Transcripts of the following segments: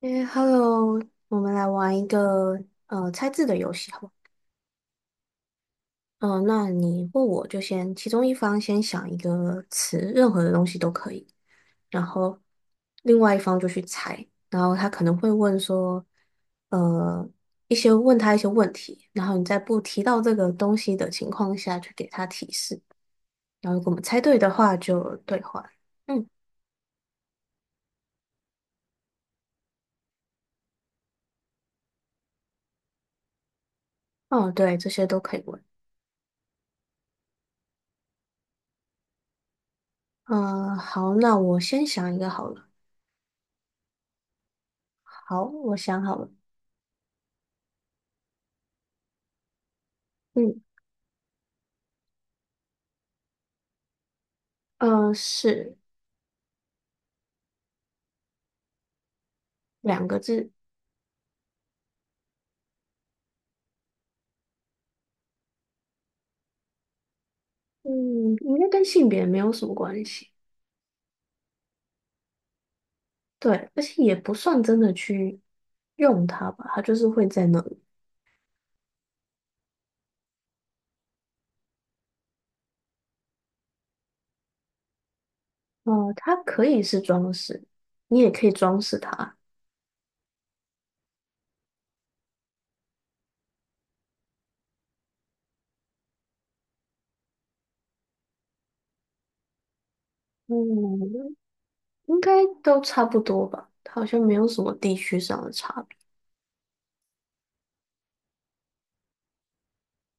诶，Hello，我们来玩一个猜字的游戏，好不好？那你或我就先，其中一方先想一个词，任何的东西都可以，然后另外一方就去猜，然后他可能会问说，呃，一些问他一些问题，然后你在不提到这个东西的情况下去给他提示，然后如果我们猜对的话就兑换。嗯，哦，对，这些都可以问。嗯、好，那我先想一个好了。好，我想好了。嗯。是两个字，嗯，应该跟性别没有什么关系，对，而且也不算真的去用它吧，它就是会在那里。它可以是装饰，你也可以装饰它，嗯，应该都差不多吧，它好像没有什么地区上的差别，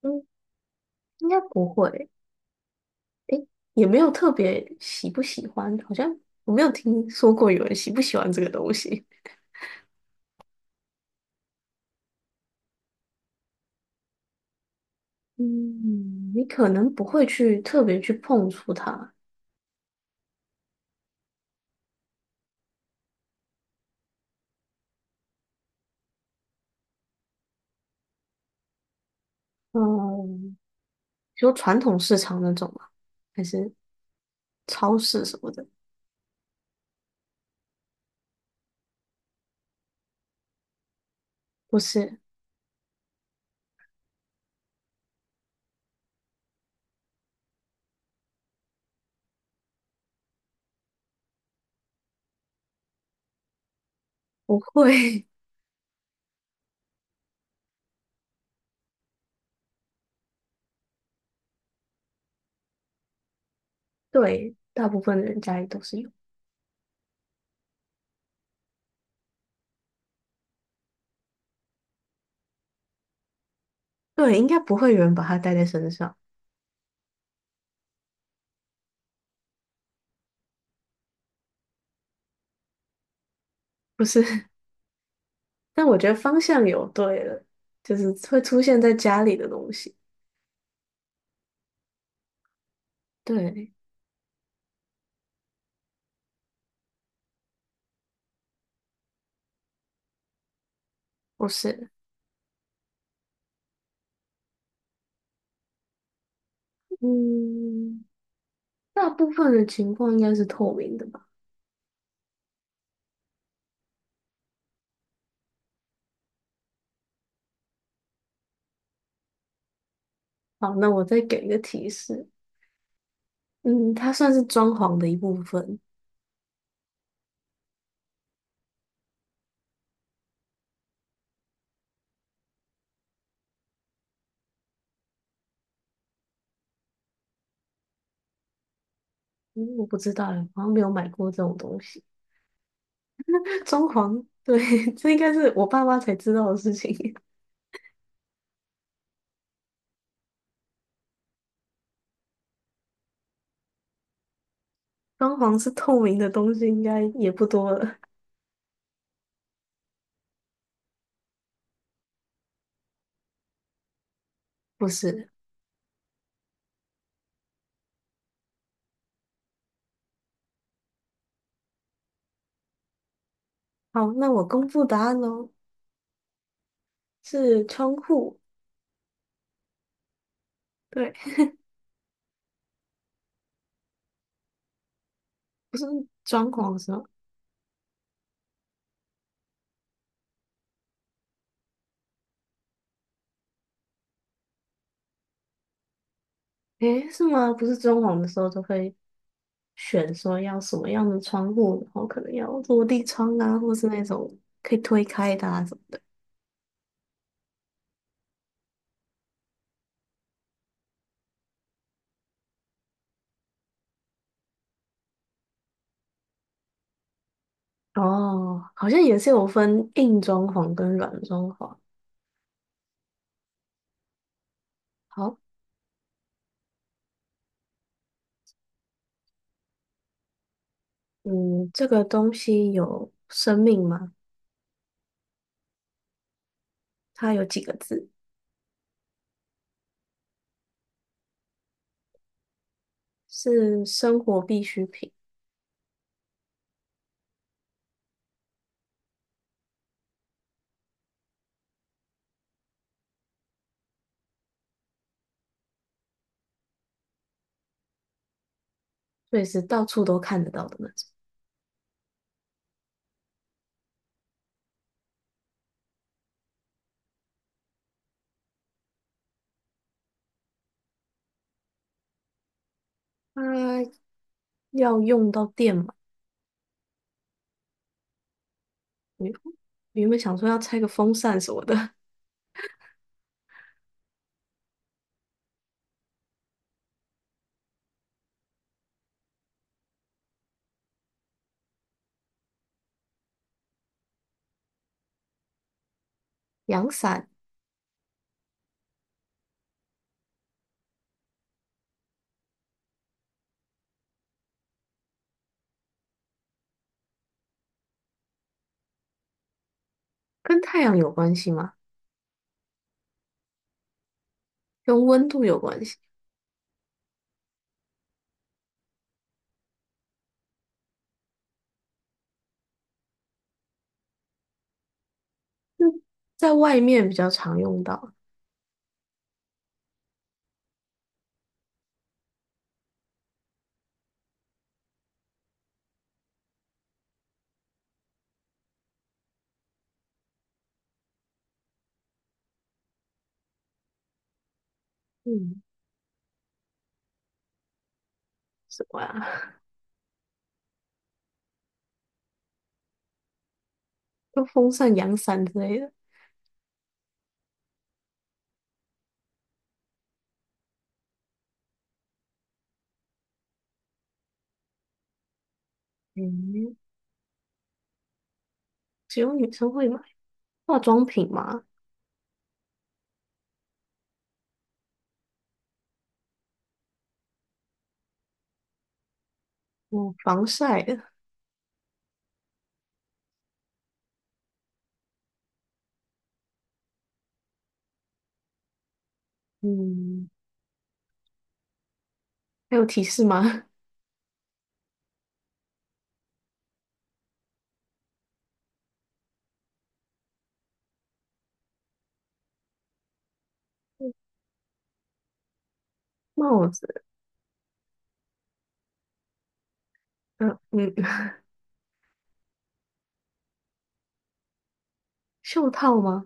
嗯，应该不会，诶，也没有特别喜不喜欢，好像我没有听说过有人喜不喜欢这个东西。嗯，你可能不会去特别去碰触它，嗯，就传统市场那种吗？还是超市什么的？不是，不会。对，大部分的人家里都是有。对，应该不会有人把它带在身上。不是，但我觉得方向有对了，就是会出现在家里的东西。对，不是。嗯，大部分的情况应该是透明的吧？好，那我再给一个提示。嗯，它算是装潢的一部分。嗯，我不知道欸，好像没有买过这种东西。装潢，对，这应该是我爸妈才知道的事情。装潢是透明的东西，应该也不多了。不是，好，那我公布答案喽，是窗户。对，不是装潢的时候，诶，是吗？不是装潢的时候就会选说要什么样的窗户，然后可能要落地窗啊，或是那种可以推开的啊什么。哦，好像也是有分硬装潢跟软装潢。好，嗯，这个东西有生命吗？它有几个字，是生活必需品，所以是到处都看得到的那种。它要用到电嘛？我原本想说要拆个风扇什么的，阳伞跟太阳有关系吗？跟温度有关系？嗯，在外面比较常用到。嗯，什么啊？跟风扇、阳伞之类的。嗯，只有女生会买化妆品吗？哦，防晒的。嗯，还有提示吗？帽子，嗯嗯，袖套吗？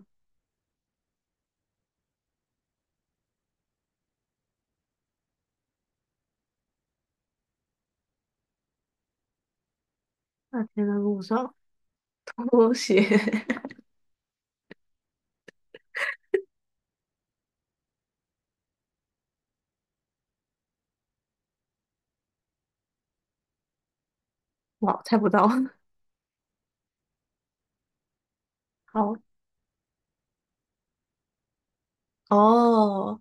那天的路上拖鞋，哇，猜不到。好，哦，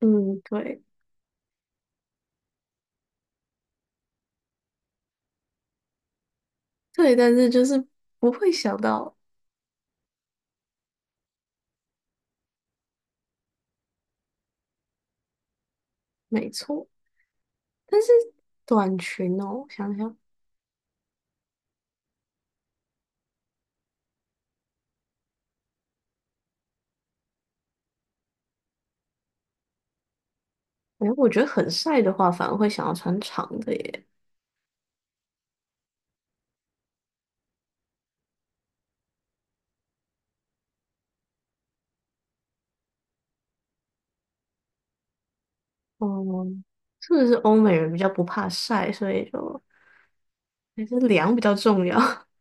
嗯，对对，但是就是不会想到，没错。但是短裙哦，想想，哎，我觉得很晒的话，反而会想要穿长的耶。嗯，是不是欧美人比较不怕晒，所以就还是凉比较重要。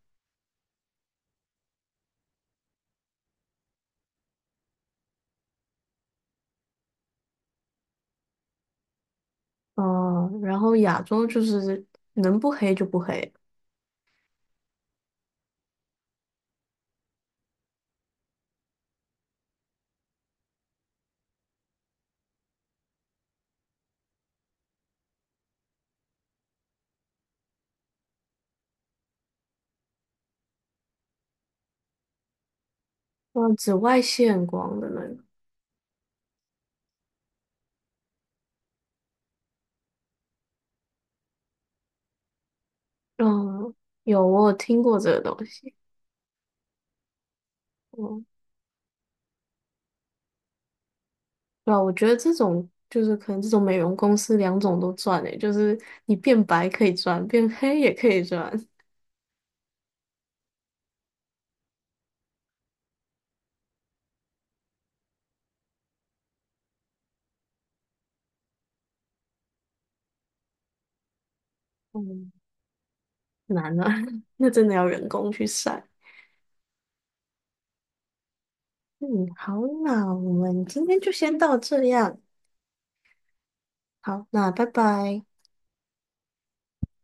嗯，然后亚洲就是能不黑就不黑，嗯，紫外线光的那个，嗯，有我有听过这个东西。嗯。对啊，我觉得这种就是可能这种美容公司两种都赚诶，就是你变白可以赚，变黑也可以赚。嗯，难啊，那真的要人工去晒。嗯，好，那我们今天就先到这样。好，那拜拜。